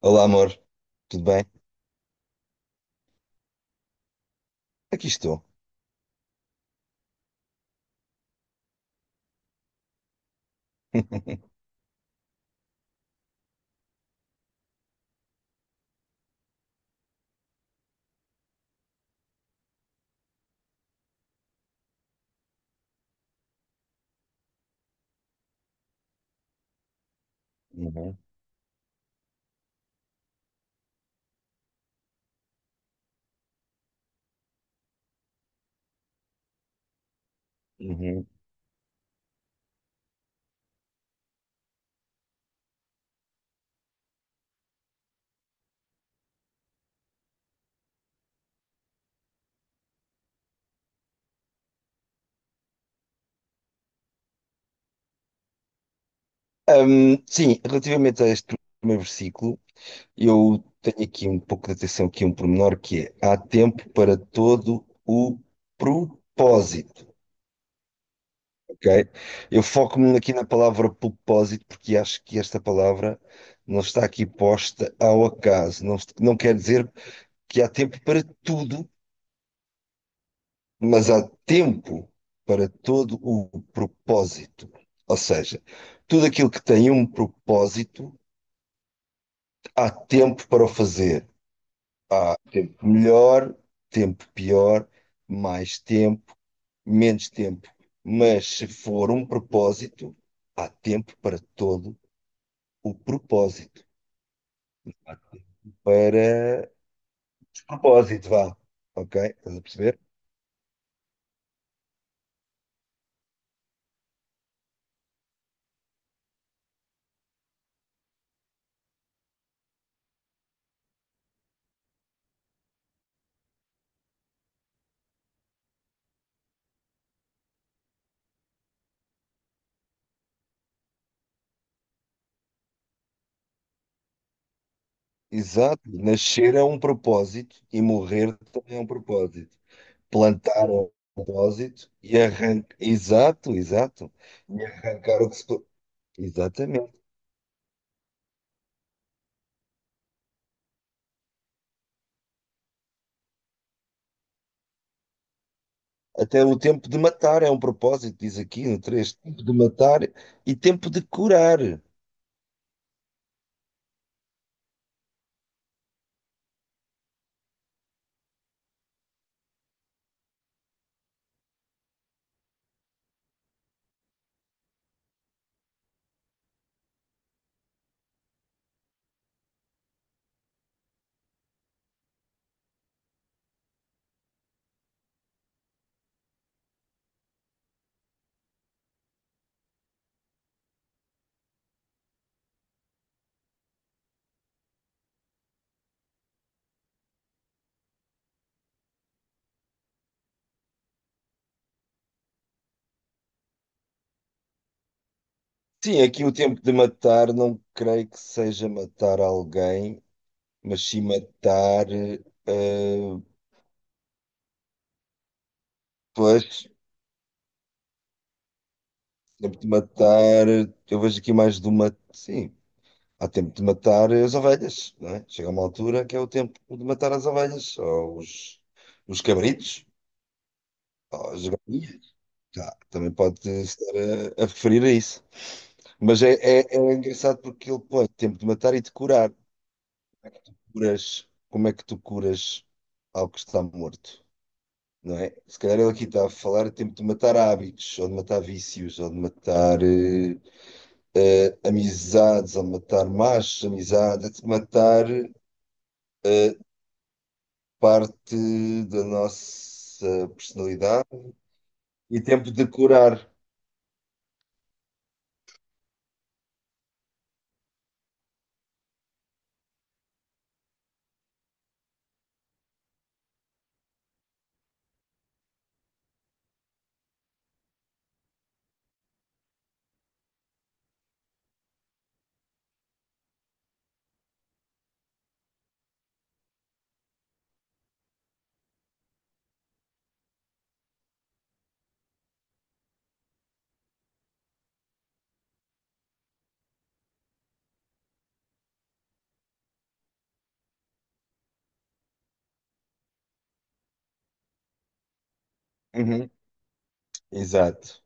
Olá, amor, tudo bem? Aqui estou. Uhum, uhum. Sim, relativamente a este primeiro versículo, eu tenho aqui um pouco de atenção, aqui um pormenor que é há tempo para todo o propósito, ok? Eu foco-me aqui na palavra propósito porque acho que esta palavra não está aqui posta ao acaso. Não, não quer dizer que há tempo para tudo mas há tempo para todo o propósito. Ou seja, tudo aquilo que tem um propósito, há tempo para o fazer. Há tempo melhor, tempo pior, mais tempo, menos tempo. Mas se for um propósito, há tempo para todo o propósito. Para propósito, vá. Ok? Estás a perceber? Exato. Nascer é um propósito e morrer também é um propósito. Plantar o depósito e arrancar. Exato, exato. E arrancar o que se exatamente. Até o tempo de matar é um propósito, diz aqui no três. Tempo de matar e tempo de curar. Sim, aqui o tempo de matar não creio que seja matar alguém, mas sim matar. eh, Pois, tempo de matar. Eu vejo aqui mais do matar. Sim, há tempo de matar as ovelhas, não é? Chega uma altura que é o tempo de matar as ovelhas, ou os cabritos, ou as galinhas. Tá, também pode estar a referir a isso. Mas é engraçado porque ele põe tempo de matar e de curar. Curas, como é que tu curas algo que está morto, não é? Se calhar ele aqui está a falar de tempo de matar hábitos, ou de matar vícios, ou de matar amizades, ou de matar más amizades, de matar eh, parte da nossa personalidade e tempo de curar. Uhum. Exato,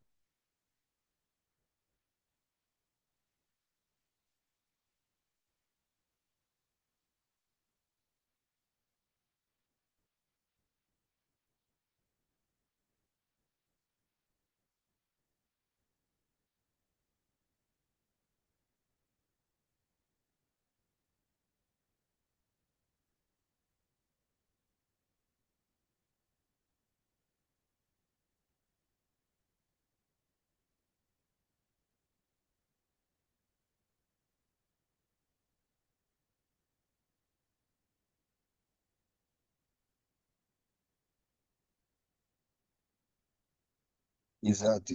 exato.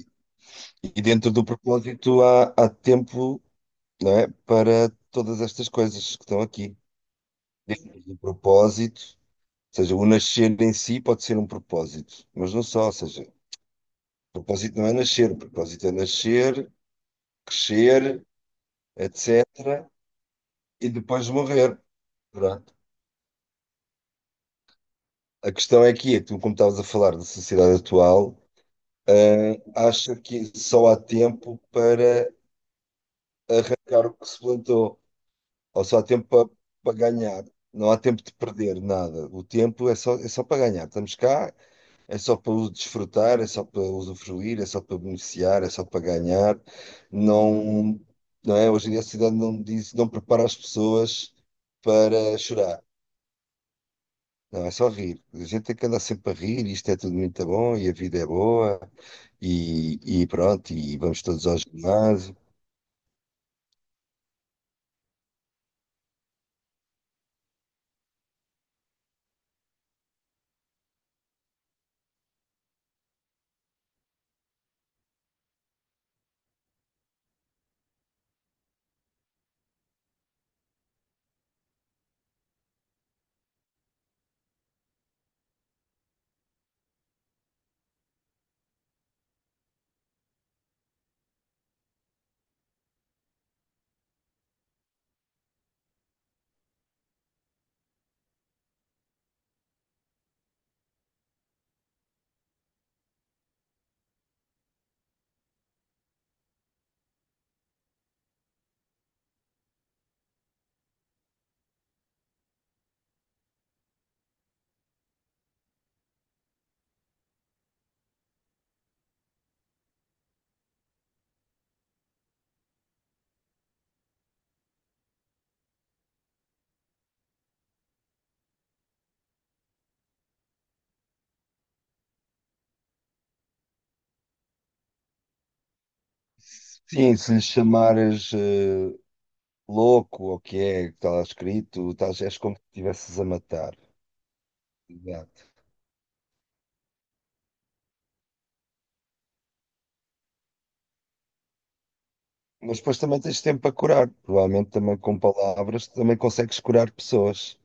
E dentro do propósito há tempo, não é, para todas estas coisas que estão aqui. Dentro do propósito, ou seja, o nascer em si pode ser um propósito, mas não só, ou seja, o propósito não é nascer, o propósito é nascer, crescer, etc. E depois morrer. Pronto. A questão é que, é, tu, como estavas a falar da sociedade atual, ah, acha que só há tempo para ficar o que se plantou, ou só há tempo para, para ganhar. Não há tempo de perder nada. O tempo é só para ganhar. Estamos cá, é só para o desfrutar, é só para usufruir, é só para beneficiar, é só para ganhar. Não, não é? Hoje em dia a sociedade não diz, não prepara as pessoas para chorar. Não, é só rir. A gente tem que andar sempre a rir, isto é tudo muito bom e a vida é boa e pronto, e vamos todos ao ginásio. Sim, se lhe chamares louco ou o que é que está lá escrito, estás, és como se estivesses a matar. Exato. Mas depois também tens tempo para curar. Provavelmente também com palavras também consegues curar pessoas.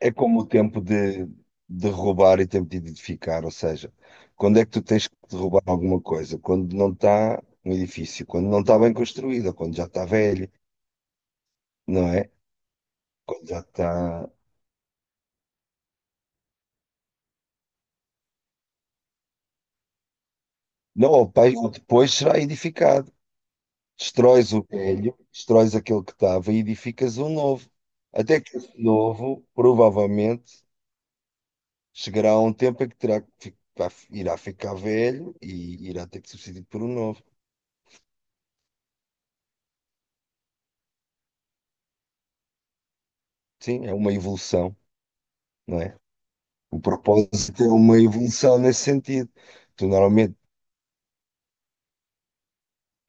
É como o tempo de roubar e tempo de edificar. Ou seja, quando é que tu tens que derrubar alguma coisa? Quando não está um edifício, quando não está bem construído, ou quando já está velho, não é? Quando já está. Não, ou pai- ou depois será edificado. Destróis o velho, destróis aquele que estava e edificas um novo. Até que esse novo, provavelmente, chegará a um tempo em que terá que irá ficar velho e irá ter que ser substituído por um novo. Sim, é uma evolução, não é? O propósito é uma evolução nesse sentido. Tu normalmente,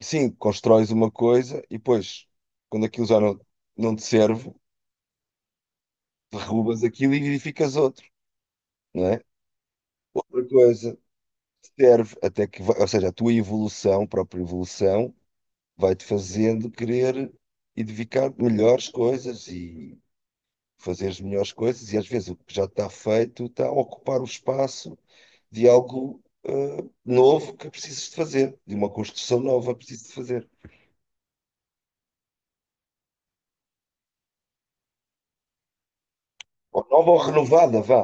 sim, constróis uma coisa e depois, quando aquilo já não, não te serve, derrubas aquilo e edificas outro, não é? Outra coisa. Serve até que, ou seja, a tua evolução, a própria evolução, vai-te fazendo querer edificar melhores coisas e fazer as melhores coisas, e às vezes o que já está feito está a ocupar o espaço de algo novo que precisas de fazer, de uma construção nova que precisas de fazer. Ou nova ou renovada, vá.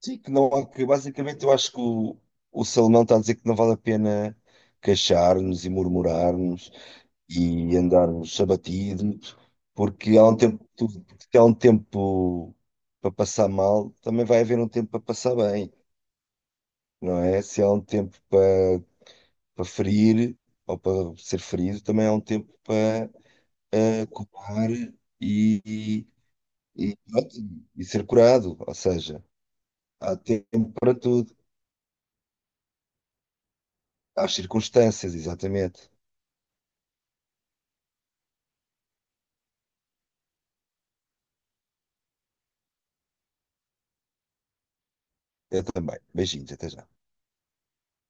Sim, que não há que, basicamente, eu acho que o Salomão está a dizer que não vale a pena queixar-nos e murmurar-nos e andarmos abatidos, porque há um tempo, porque há um tempo para passar mal, também vai haver um tempo para passar bem, não é? Se há um tempo para, para ferir ou para ser ferido, também há um tempo para curar e, e, e pronto, e ser curado, ou seja, há tempo para tudo, há circunstâncias, exatamente. Eu também. Beijinhos, até já.